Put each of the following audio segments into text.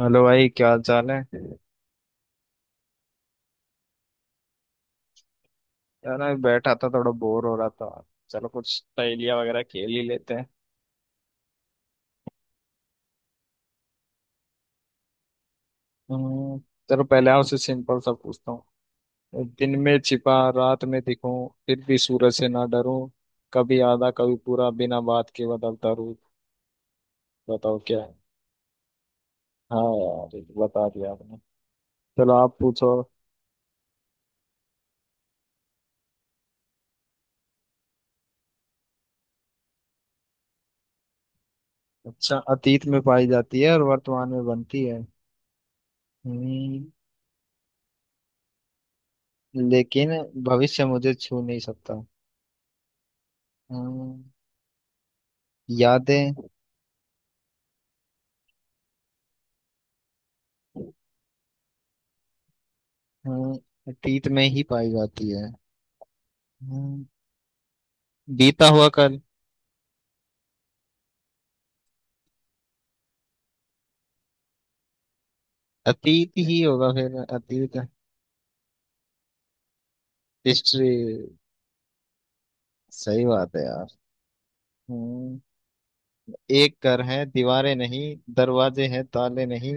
Hello भाई, क्या हाल चाल है। यार मैं बैठा था, थोड़ा बोर हो रहा था। चलो कुछ पहेलियां वगैरह खेल ही लेते हैं। हम्म। चलो पहले आपसे सिंपल सा पूछता हूँ। दिन में छिपा, रात में दिखूं, फिर भी सूरज से ना डरूं। कभी आधा कभी पूरा, बिना बात के बदलता रूप। बताओ क्या है। हाँ यार, ये तो बता दिया आपने। चलो आप पूछो। अच्छा, अतीत में पाई जाती है और वर्तमान में बनती है। हम्म। लेकिन भविष्य मुझे छू नहीं सकता। हम्म। यादें। हाँ, अतीत में ही पाई जाती है। हाँ। बीता हुआ कल। अतीत ही होगा, फिर अतीत। हिस्ट्री। सही बात है यार। हम्म। एक घर है, दीवारें नहीं। दरवाजे हैं, ताले नहीं।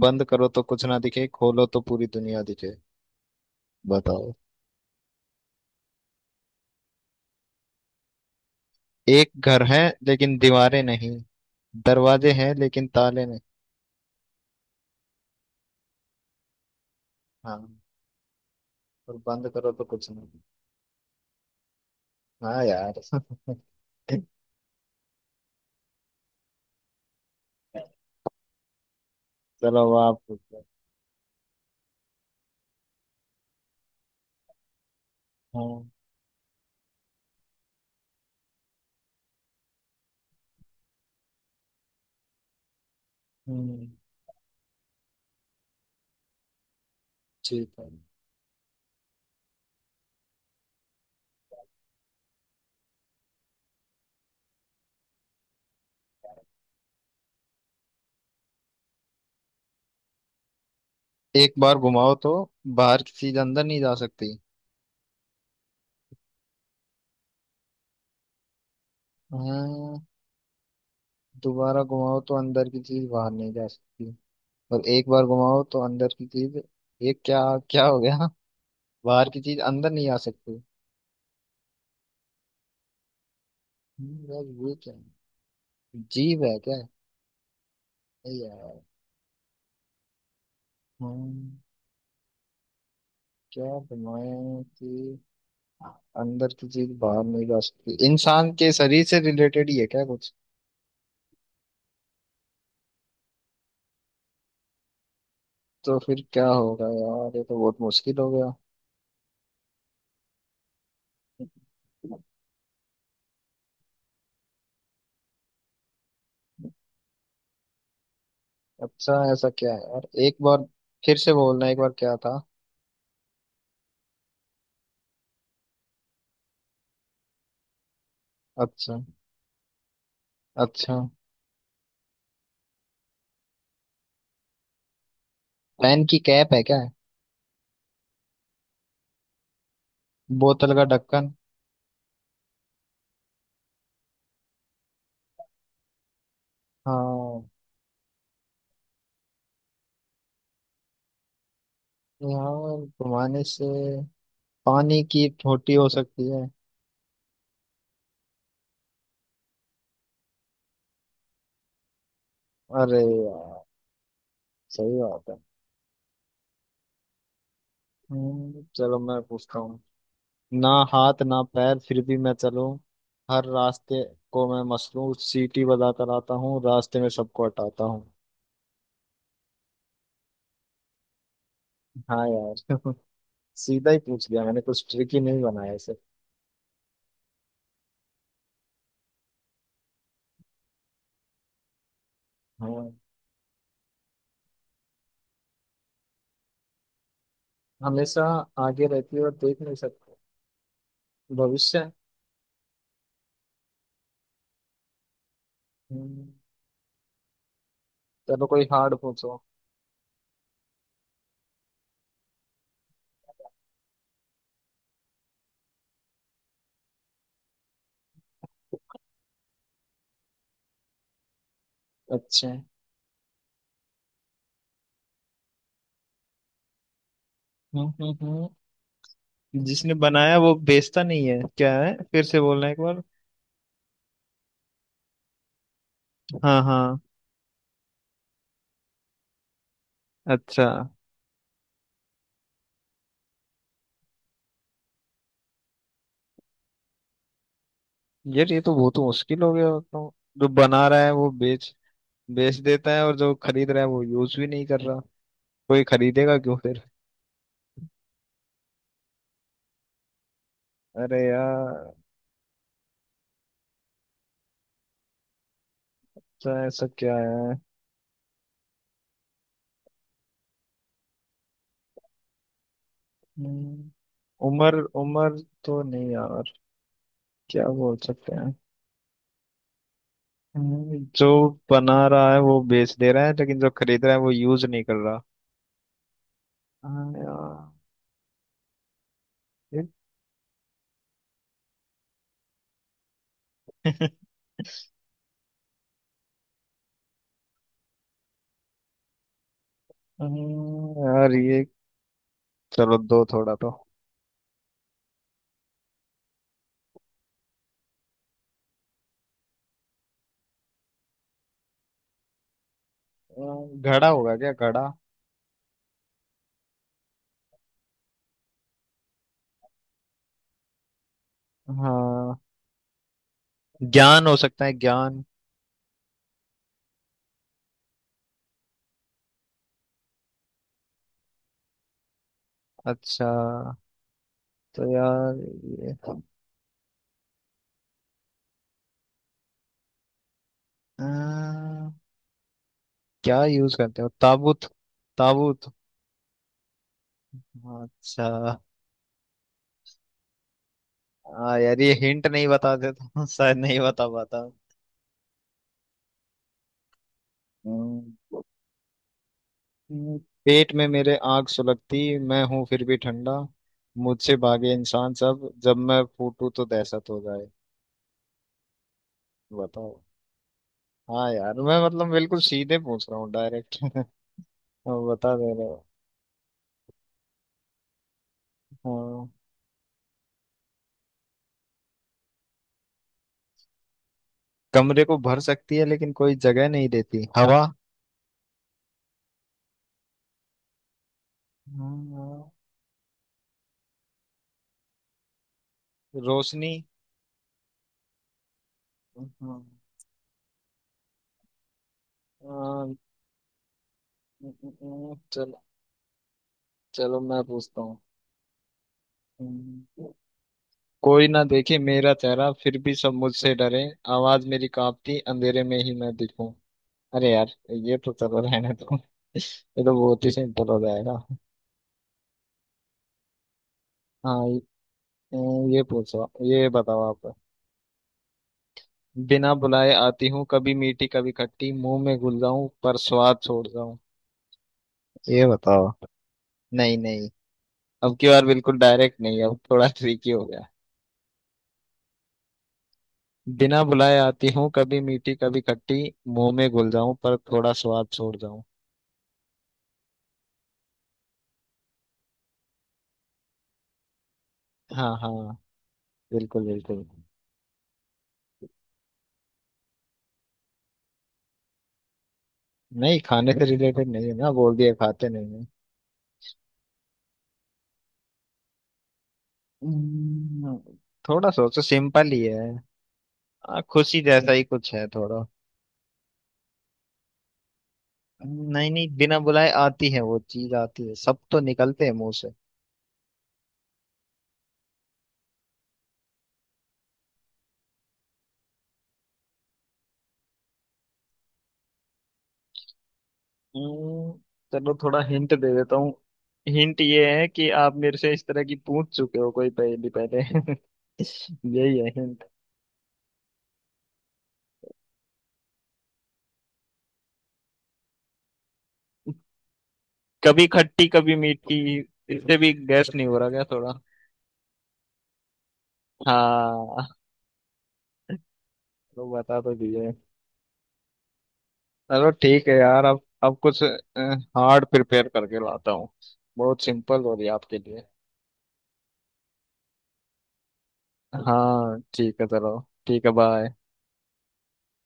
बंद करो तो कुछ ना दिखे, खोलो तो पूरी दुनिया दिखे। बताओ। एक घर है, लेकिन दीवारें नहीं। दरवाजे हैं, लेकिन ताले नहीं। हाँ। और बंद करो तो कुछ नहीं। हाँ यार। चलो अब आप पूछो। हाँ। हम्म। ठीक है। एक बार घुमाओ तो बाहर की चीज अंदर नहीं जा सकती। हाँ, दोबारा घुमाओ तो अंदर की चीज बाहर नहीं जा सकती। और एक बार घुमाओ तो अंदर की चीज, ये क्या, क्या हो गया। बाहर की चीज अंदर नहीं आ सकती। यार ये क्या है। जीव है क्या। ए यार। हम्म। क्या बनाया कि अंदर की चीज बाहर नहीं जा सकती। इंसान के शरीर से रिलेटेड ही है क्या कुछ। तो फिर क्या होगा यार, ये तो बहुत मुश्किल हो गया। अच्छा, ऐसा क्या है यार। एक बार फिर से बोलना, एक बार क्या था। अच्छा। अच्छा, पेन की कैप है क्या। बोतल का ढक्कन। हाँ। यहाँ घुमाने से पानी की टोटी हो सकती है। अरे यार, सही बात है। चलो मैं पूछता हूँ। ना हाथ ना पैर, फिर भी मैं चलूं। हर रास्ते को मैं मसलूं। सीटी बजाकर आता हूँ, रास्ते में सबको हटाता हूँ। हाँ यार। सीधा ही पूछ लिया मैंने, कुछ ट्रिक ही नहीं बनाया इसे। हाँ। हमेशा आगे रहती है और देख नहीं सकते। भविष्य। हम्म। चलो कोई हार्ड पूछो। अच्छा है। हम्म हम्म हम्म। जिसने बनाया वो बेचता नहीं है, क्या है, फिर से बोलना एक बार। हाँ हाँ। अच्छा। यार ये तो बहुत मुश्किल हो गया तो। जो बना रहा है वो बेच, बेच देता है, और जो खरीद रहा है वो यूज भी नहीं कर रहा। कोई खरीदेगा क्यों फिर। अरे यार। अच्छा, ऐसा क्या है। हम्म। उम्र उम्र तो नहीं यार। क्या बोल सकते हैं। जो बना रहा है वो बेच दे रहा है, लेकिन जो खरीद रहा है वो यूज नहीं कर रहा। हाँ यार। ये- हम्म। यार ये, चलो दो थोड़ा तो। घड़ा होगा क्या, घड़ा। हाँ। ज्ञान हो सकता है, ज्ञान। अच्छा। तो यार ये, अ, क्या यूज करते हो, ताबूत। ताबूत। अच्छा। हाँ यार, ये हिंट नहीं बताते तो शायद नहीं बता पाता। हम्म। हूँ, पेट में मेरे आग सुलगती, मैं हूँ फिर भी ठंडा। मुझसे भागे इंसान सब, जब मैं फूटू तो दहशत हो जाए। बताओ। हाँ यार, मैं मतलब बिल्कुल सीधे पूछ रहा हूँ, डायरेक्ट। बता दे रहे हो। हाँ। कमरे को भर सकती है लेकिन कोई जगह नहीं देती, हवा। हाँ। रोशनी। हाँ। अ, अ, चलो। चलो मैं पूछता हूँ। कोई ना देखे मेरा चेहरा, फिर भी सब मुझसे डरे। आवाज मेरी कांपती, अंधेरे में ही मैं दिखूं। अरे यार, ये तो चलो रहने दो, ये तो बहुत ही सिंपल हो जाएगा। हाँ। ये पूछो, ये बताओ आप। बिना बुलाए आती हूँ, कभी मीठी कभी खट्टी, मुंह में घुल जाऊं पर स्वाद छोड़ जाऊं। ये बताओ। नहीं नहीं, अब की बार बिल्कुल डायरेक्ट नहीं, अब थोड़ा ट्रिकी हो गया। बिना बुलाए आती हूँ, कभी मीठी कभी खट्टी, मुंह में घुल जाऊं पर थोड़ा स्वाद छोड़ जाऊं। हाँ हाँ। बिल्कुल बिल्कुल। नहीं, खाने से रिलेटेड नहीं है, ना बोल दिया खाते नहीं है। हम्म, थोड़ा सोचो, सिंपल ही है। खुशी जैसा ही कुछ है थोड़ा। नहीं नहीं, बिना बुलाए आती है वो चीज, आती है सब तो निकलते हैं मुंह से। हम्म, चलो थोड़ा हिंट दे देता हूँ। हिंट ये है कि आप मेरे से इस तरह की पूछ चुके हो कोई पहेली पहले। यही है हिंट। कभी खट्टी कभी मीठी, इससे भी गैस नहीं हो रहा क्या थोड़ा। हाँ। तो बता तो दिए। चलो ठीक है यार, अब कुछ हार्ड प्रिपेयर करके लाता हूँ। बहुत सिंपल हो रही है आपके लिए। हाँ ठीक है। चलो ठीक है, बाय।